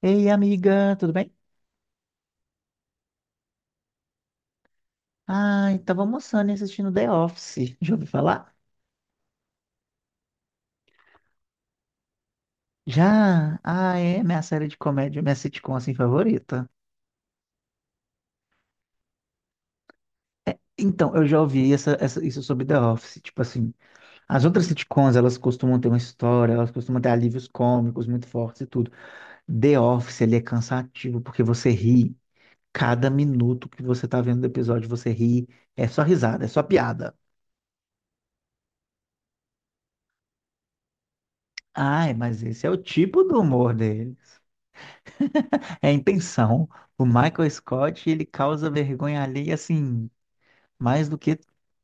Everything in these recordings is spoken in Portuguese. Ei, amiga, tudo bem? Ai, tava almoçando e assistindo The Office. Já ouviu falar? Já? Ah, é minha série de comédia, minha sitcom assim favorita. Então, eu já ouvi isso sobre The Office. Tipo assim, as outras sitcoms, elas costumam ter uma história, elas costumam ter alívios cômicos muito fortes e tudo. The Office, ele é cansativo porque você ri. Cada minuto que você tá vendo o episódio, você ri. É só risada, é só piada. Ai, mas esse é o tipo do humor deles. É a intenção. O Michael Scott, ele causa vergonha alheia, assim, mais do que.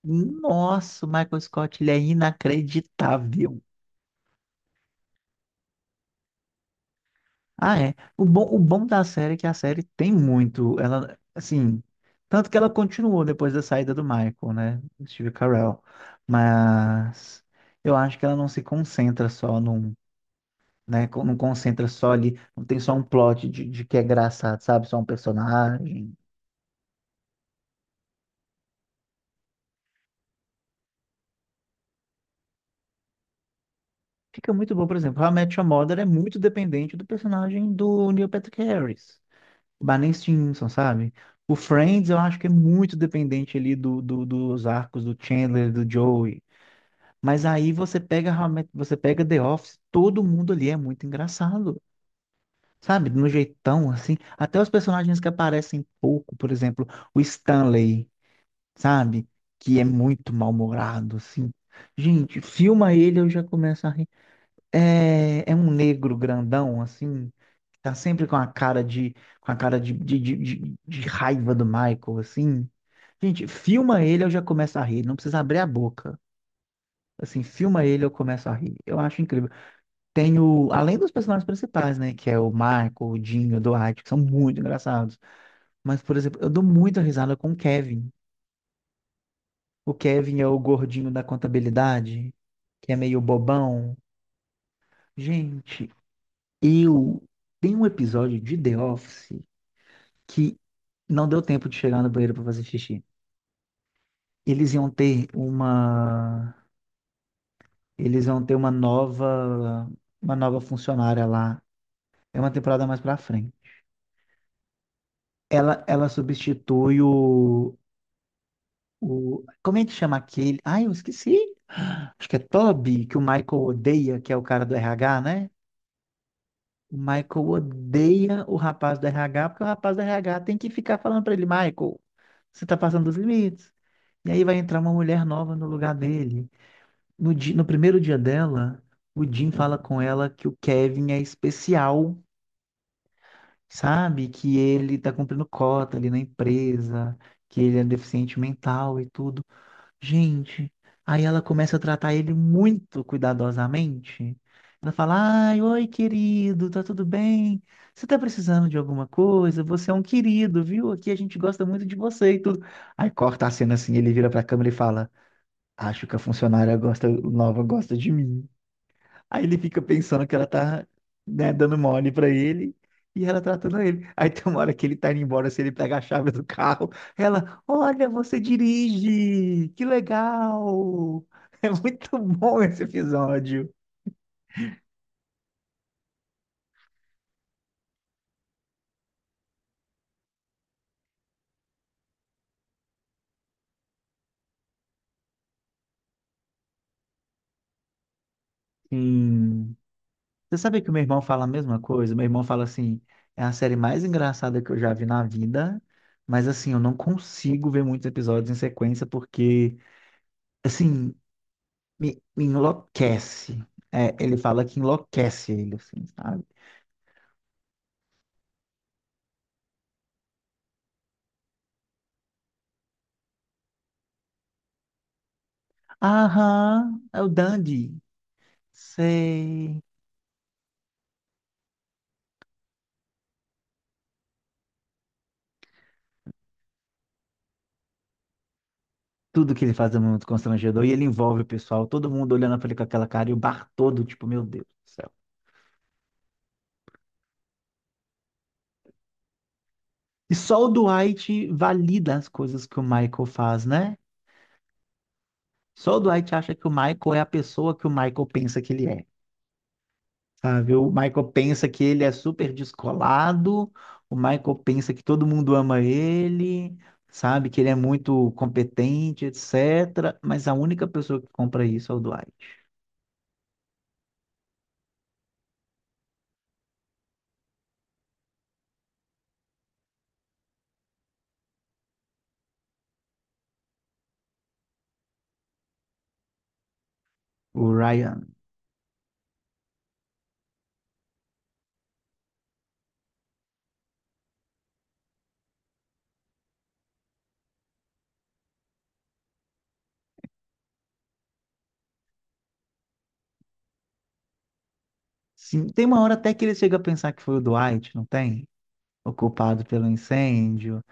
Nossa, o Michael Scott, ele é inacreditável. Ah, é. O bom da série é que a série tem muito. Ela, assim. Tanto que ela continuou depois da saída do Michael, né? Do Steve Carell. Mas. Eu acho que ela não se concentra só num. Né? Não concentra só ali. Não tem só um plot de que é engraçado, sabe? Só um personagem. Fica muito bom, por exemplo, How I Met Your Mother é muito dependente do personagem do Neil Patrick Harris, Barney Stinson, sabe? O Friends eu acho que é muito dependente ali dos arcos do Chandler, do Joey. Mas aí você pega você pega The Office, todo mundo ali é muito engraçado, sabe? No jeitão assim, até os personagens que aparecem pouco, por exemplo, o Stanley, sabe? Que é muito mal-humorado, assim. Gente, filma ele, eu já começo a rir. É, é um negro grandão, assim, tá sempre com a cara de, com a cara de raiva do Michael, assim. Gente, filma ele, eu já começo a rir, não precisa abrir a boca. Assim, filma ele, eu começo a rir. Eu acho incrível. Tem o, além dos personagens principais, né, que é o Michael, o Dinho, o Dwight, que são muito engraçados. Mas, por exemplo, eu dou muita risada com o Kevin. O Kevin é o gordinho da contabilidade, que é meio bobão. Gente, eu tem um episódio de The Office que não deu tempo de chegar no banheiro para fazer xixi. Eles iam ter uma, eles iam ter uma uma nova funcionária lá. É uma temporada mais para frente. Ela substitui como é que chama aquele? Ai, eu esqueci. Acho que é Toby, que o Michael odeia, que é o cara do RH, né? O Michael odeia o rapaz do RH, porque o rapaz do RH tem que ficar falando para ele, Michael, você tá passando dos limites. E aí vai entrar uma mulher nova no lugar dele. No primeiro dia dela, o Jim fala com ela que o Kevin é especial, sabe? Que ele tá cumprindo cota ali na empresa, que ele é deficiente mental e tudo. Gente, aí ela começa a tratar ele muito cuidadosamente. Ela fala: Ai, oi, querido, tá tudo bem? Você tá precisando de alguma coisa? Você é um querido, viu? Aqui a gente gosta muito de você e tudo. Aí corta a cena assim, ele vira pra câmera e fala: Acho que a funcionária nova gosta de mim. Aí ele fica pensando que ela tá, né, dando mole pra ele e ela tratando ele. Aí tem uma hora que ele tá indo embora, se ele pega a chave do carro, ela, olha, você dirige, que legal. É muito bom esse episódio. Sim. Você sabe que o meu irmão fala a mesma coisa? Meu irmão fala assim, é a série mais engraçada que eu já vi na vida, mas assim, eu não consigo ver muitos episódios em sequência porque, assim, me enlouquece. É, ele fala que enlouquece ele, assim, sabe? Aham, é o Dandy. Sei. Tudo que ele faz é muito constrangedor e ele envolve o pessoal, todo mundo olhando pra ele com aquela cara e o bar todo, tipo, meu Deus do céu. E só o Dwight valida as coisas que o Michael faz, né? Só o Dwight acha que o Michael é a pessoa que o Michael pensa que ele é. Sabe? O Michael pensa que ele é super descolado, o Michael pensa que todo mundo ama ele, sabe? Que ele é muito competente, etc. Mas a única pessoa que compra isso é o Dwight, o Ryan. Sim, tem uma hora até que ele chega a pensar que foi o Dwight, não tem? O culpado pelo incêndio.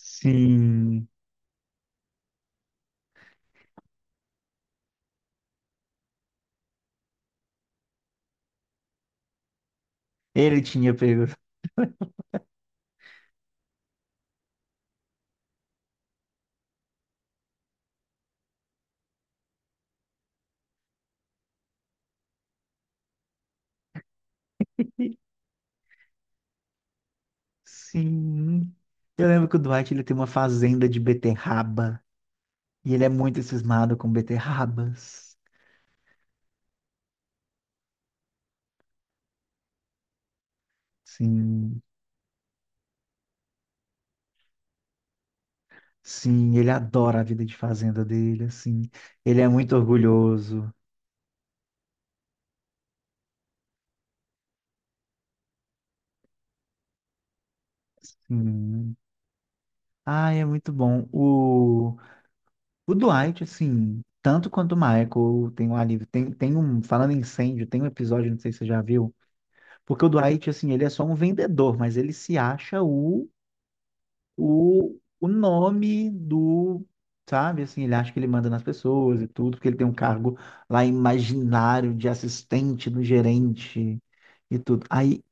Sim, ele tinha pego. Sim. Eu lembro que o Dwight ele tem uma fazenda de beterraba e ele é muito cismado com beterrabas. Sim. Sim, ele adora a vida de fazenda dele, assim. Ele é muito orgulhoso. Sim. Ah, é muito bom. O Dwight, assim, tanto quanto o Michael, tem um alívio. Tem, tem um, falando em incêndio, tem um episódio, não sei se você já viu, porque o Dwight, assim, ele é só um vendedor, mas ele se acha o nome do, sabe, assim, ele acha que ele manda nas pessoas e tudo, porque ele tem um cargo lá imaginário de assistente do gerente e tudo. Aí.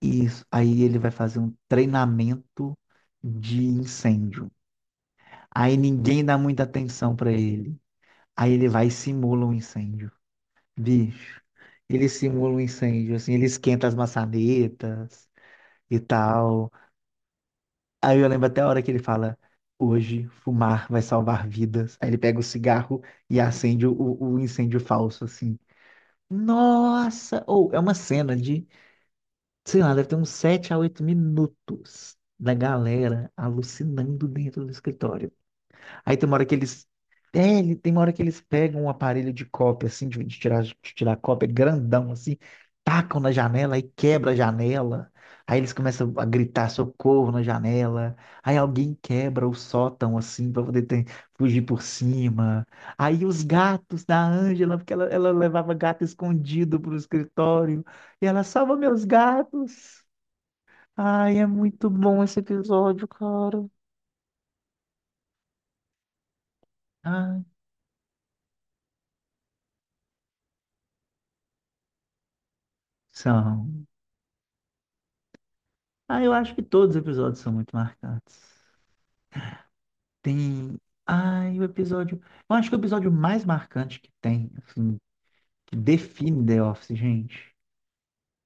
Isso. Aí ele vai fazer um treinamento de incêndio. Aí ninguém dá muita atenção para ele. Aí ele vai e simula um incêndio. Bicho, ele simula um incêndio, assim, ele esquenta as maçanetas e tal. Aí eu lembro até a hora que ele fala: Hoje fumar vai salvar vidas. Aí ele pega o cigarro e acende o incêndio falso, assim. Nossa! Ou é uma cena de sei lá, deve ter uns 7 a 8 minutos da galera alucinando dentro do escritório. Aí tem uma hora que eles. Tem uma hora que eles pegam um aparelho de cópia, assim, de tirar cópia grandão, assim, tacam na janela e quebra a janela. Aí eles começam a gritar socorro na janela. Aí alguém quebra o sótão, assim, fugir por cima. Aí os gatos da Ângela, porque ela levava gato escondido pro escritório. E ela salva meus gatos. Ai, é muito bom esse episódio, cara. Ah, são. Ah, eu acho que todos os episódios são muito marcantes. Tem. Ai, o episódio. Eu acho que o episódio mais marcante que tem, assim, que define The Office, gente,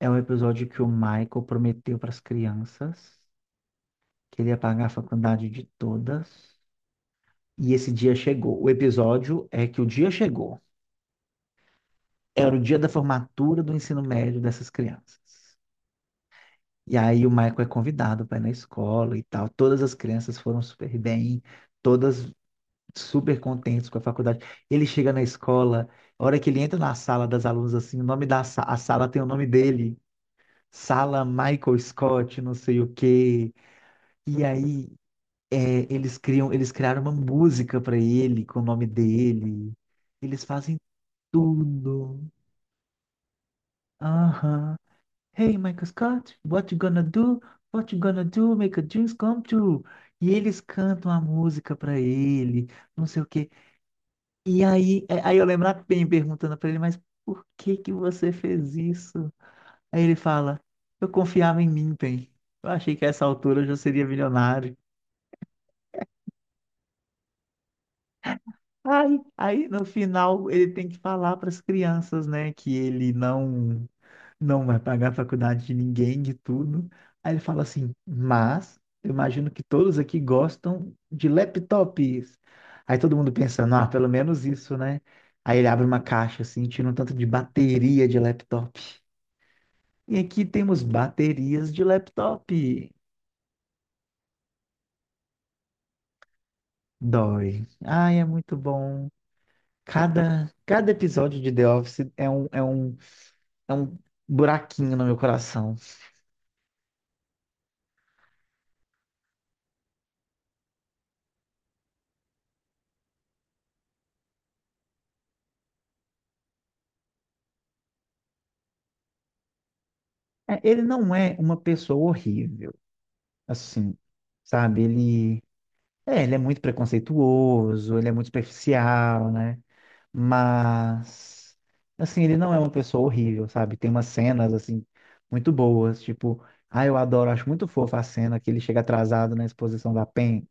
é o episódio que o Michael prometeu para as crianças que ele ia pagar a faculdade de todas. E esse dia chegou. O episódio é que o dia chegou. Era o dia da formatura do ensino médio dessas crianças. E aí o Michael é convidado para ir na escola e tal. Todas as crianças foram super bem, todas super contentes com a faculdade. Ele chega na escola, a hora que ele entra na sala das alunas, assim, o nome da sa- a sala tem o nome dele. Sala Michael Scott, não sei o quê. E aí é, eles criaram uma música para ele com o nome dele. Eles fazem tudo. Aham. Hey, Michael Scott, what you gonna do? What you gonna do? Make a dreams come true. E eles cantam a música pra ele, não sei o quê. Aí eu lembro a Pen perguntando pra ele, mas por que que você fez isso? Aí ele fala, eu confiava em mim, Pen. Eu achei que a essa altura eu já seria milionário. Aí, aí no final ele tem que falar para as crianças, né, que ele não vai pagar a faculdade de ninguém, de tudo. Aí ele fala assim, mas eu imagino que todos aqui gostam de laptops. Aí todo mundo pensando, ah, pelo menos isso, né? Aí ele abre uma caixa assim, tira um tanto de bateria de laptop. E aqui temos baterias de laptop. Dói. Ai, é muito bom. Cada episódio de The Office é um, é um, é um buraquinho no meu coração. É, ele não é uma pessoa horrível. Assim, sabe? Ele é muito preconceituoso, ele é muito superficial, né? Mas assim, ele não é uma pessoa horrível, sabe? Tem umas cenas assim muito boas, tipo, ah, eu adoro, acho muito fofa a cena que ele chega atrasado na exposição da Pen,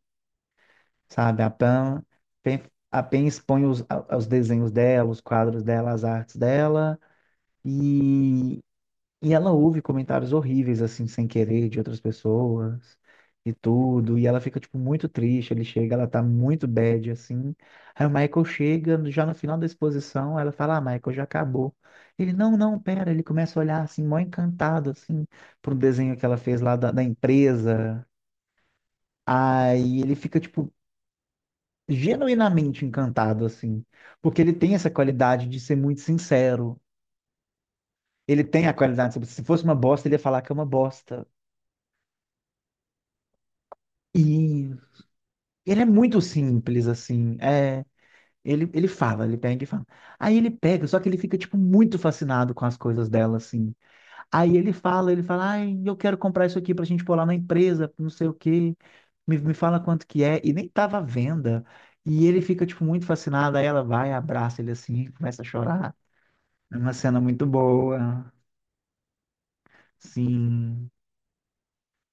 sabe? A Pen, Pen- a Pen expõe os desenhos dela, os quadros dela, as artes dela. e e ela ouve comentários horríveis, assim, sem querer, de outras pessoas e tudo. E ela fica, tipo, muito triste. Ele chega, ela tá muito bad, assim. Aí o Michael chega, já no final da exposição, ela fala, ah, Michael, já acabou. Ele, não, não, pera. Ele começa a olhar, assim, mó encantado, assim, pro desenho que ela fez lá da empresa. Aí ele fica, tipo, genuinamente encantado, assim. Porque ele tem essa qualidade de ser muito sincero. Ele tem a qualidade, se fosse uma bosta, ele ia falar que é uma bosta. Ele é muito simples, assim. É, ele fala, ele pega e fala. Aí ele pega, só que ele fica, tipo, muito fascinado com as coisas dela, assim. Aí ele fala, ai, eu quero comprar isso aqui pra gente pôr lá na empresa, não sei o quê. Me fala quanto que é. E nem tava à venda. E ele fica, tipo, muito fascinado. Aí ela vai, abraça ele, assim, começa a chorar. É uma cena muito boa. Sim,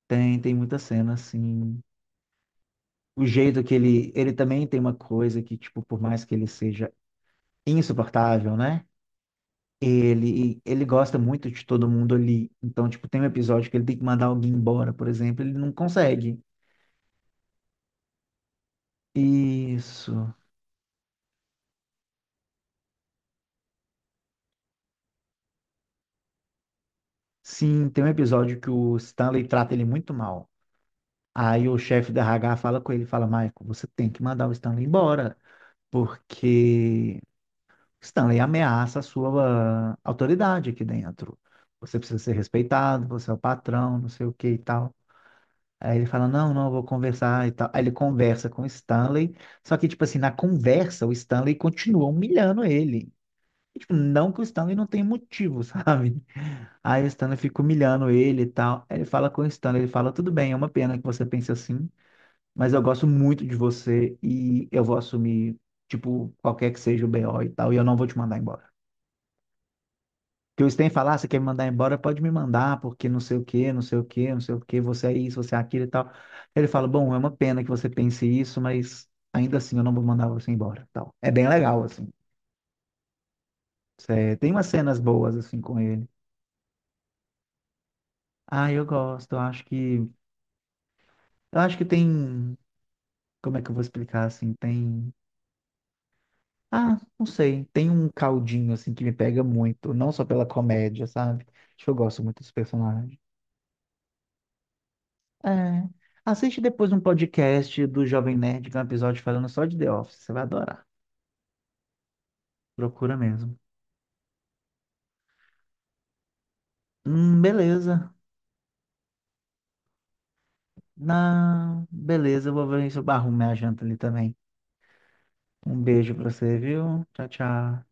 tem, tem muita cena, assim. O jeito que ele também tem uma coisa que, tipo, por mais que ele seja insuportável, né? Ele gosta muito de todo mundo ali. Então, tipo, tem um episódio que ele tem que mandar alguém embora, por exemplo, ele não consegue. Isso. Sim, tem um episódio que o Stanley trata ele muito mal. Aí o chefe da RH fala com ele, fala, Michael, você tem que mandar o Stanley embora, porque Stanley ameaça a sua autoridade aqui dentro. Você precisa ser respeitado, você é o patrão, não sei o que e tal. Aí ele fala, não, não, eu vou conversar e tal. Aí ele conversa com o Stanley, só que, tipo assim, na conversa, o Stanley continua humilhando ele. E, tipo, não que o Stanley não tem motivo, sabe? Aí o Stanley fica humilhando ele e tal. Aí ele fala com o Stanley, ele fala, tudo bem, é uma pena que você pense assim, mas eu gosto muito de você e eu vou assumir, tipo, qualquer que seja o BO e tal, e eu não vou te mandar embora. Que o Stan fala, ah, você quer me mandar embora? Pode me mandar, porque não sei o quê, não sei o quê, não sei o quê, você é isso, você é aquilo e tal. Ele fala, bom, é uma pena que você pense isso, mas ainda assim eu não vou mandar você embora, tal. É bem legal, assim. Cê- tem umas cenas boas, assim, com ele. Ah, eu gosto, eu acho que... Eu acho que tem... Como é que eu vou explicar, assim? Tem... Ah, não sei. Tem um caldinho, assim, que me pega muito. Não só pela comédia, sabe? Acho que eu gosto muito dos personagens. É. Assiste depois um podcast do Jovem Nerd, que é um episódio falando só de The Office. Você vai adorar. Procura mesmo. Beleza. Na... Beleza, eu vou ver se eu arrumo minha janta ali também. Um beijo pra você, viu? Tchau, tchau.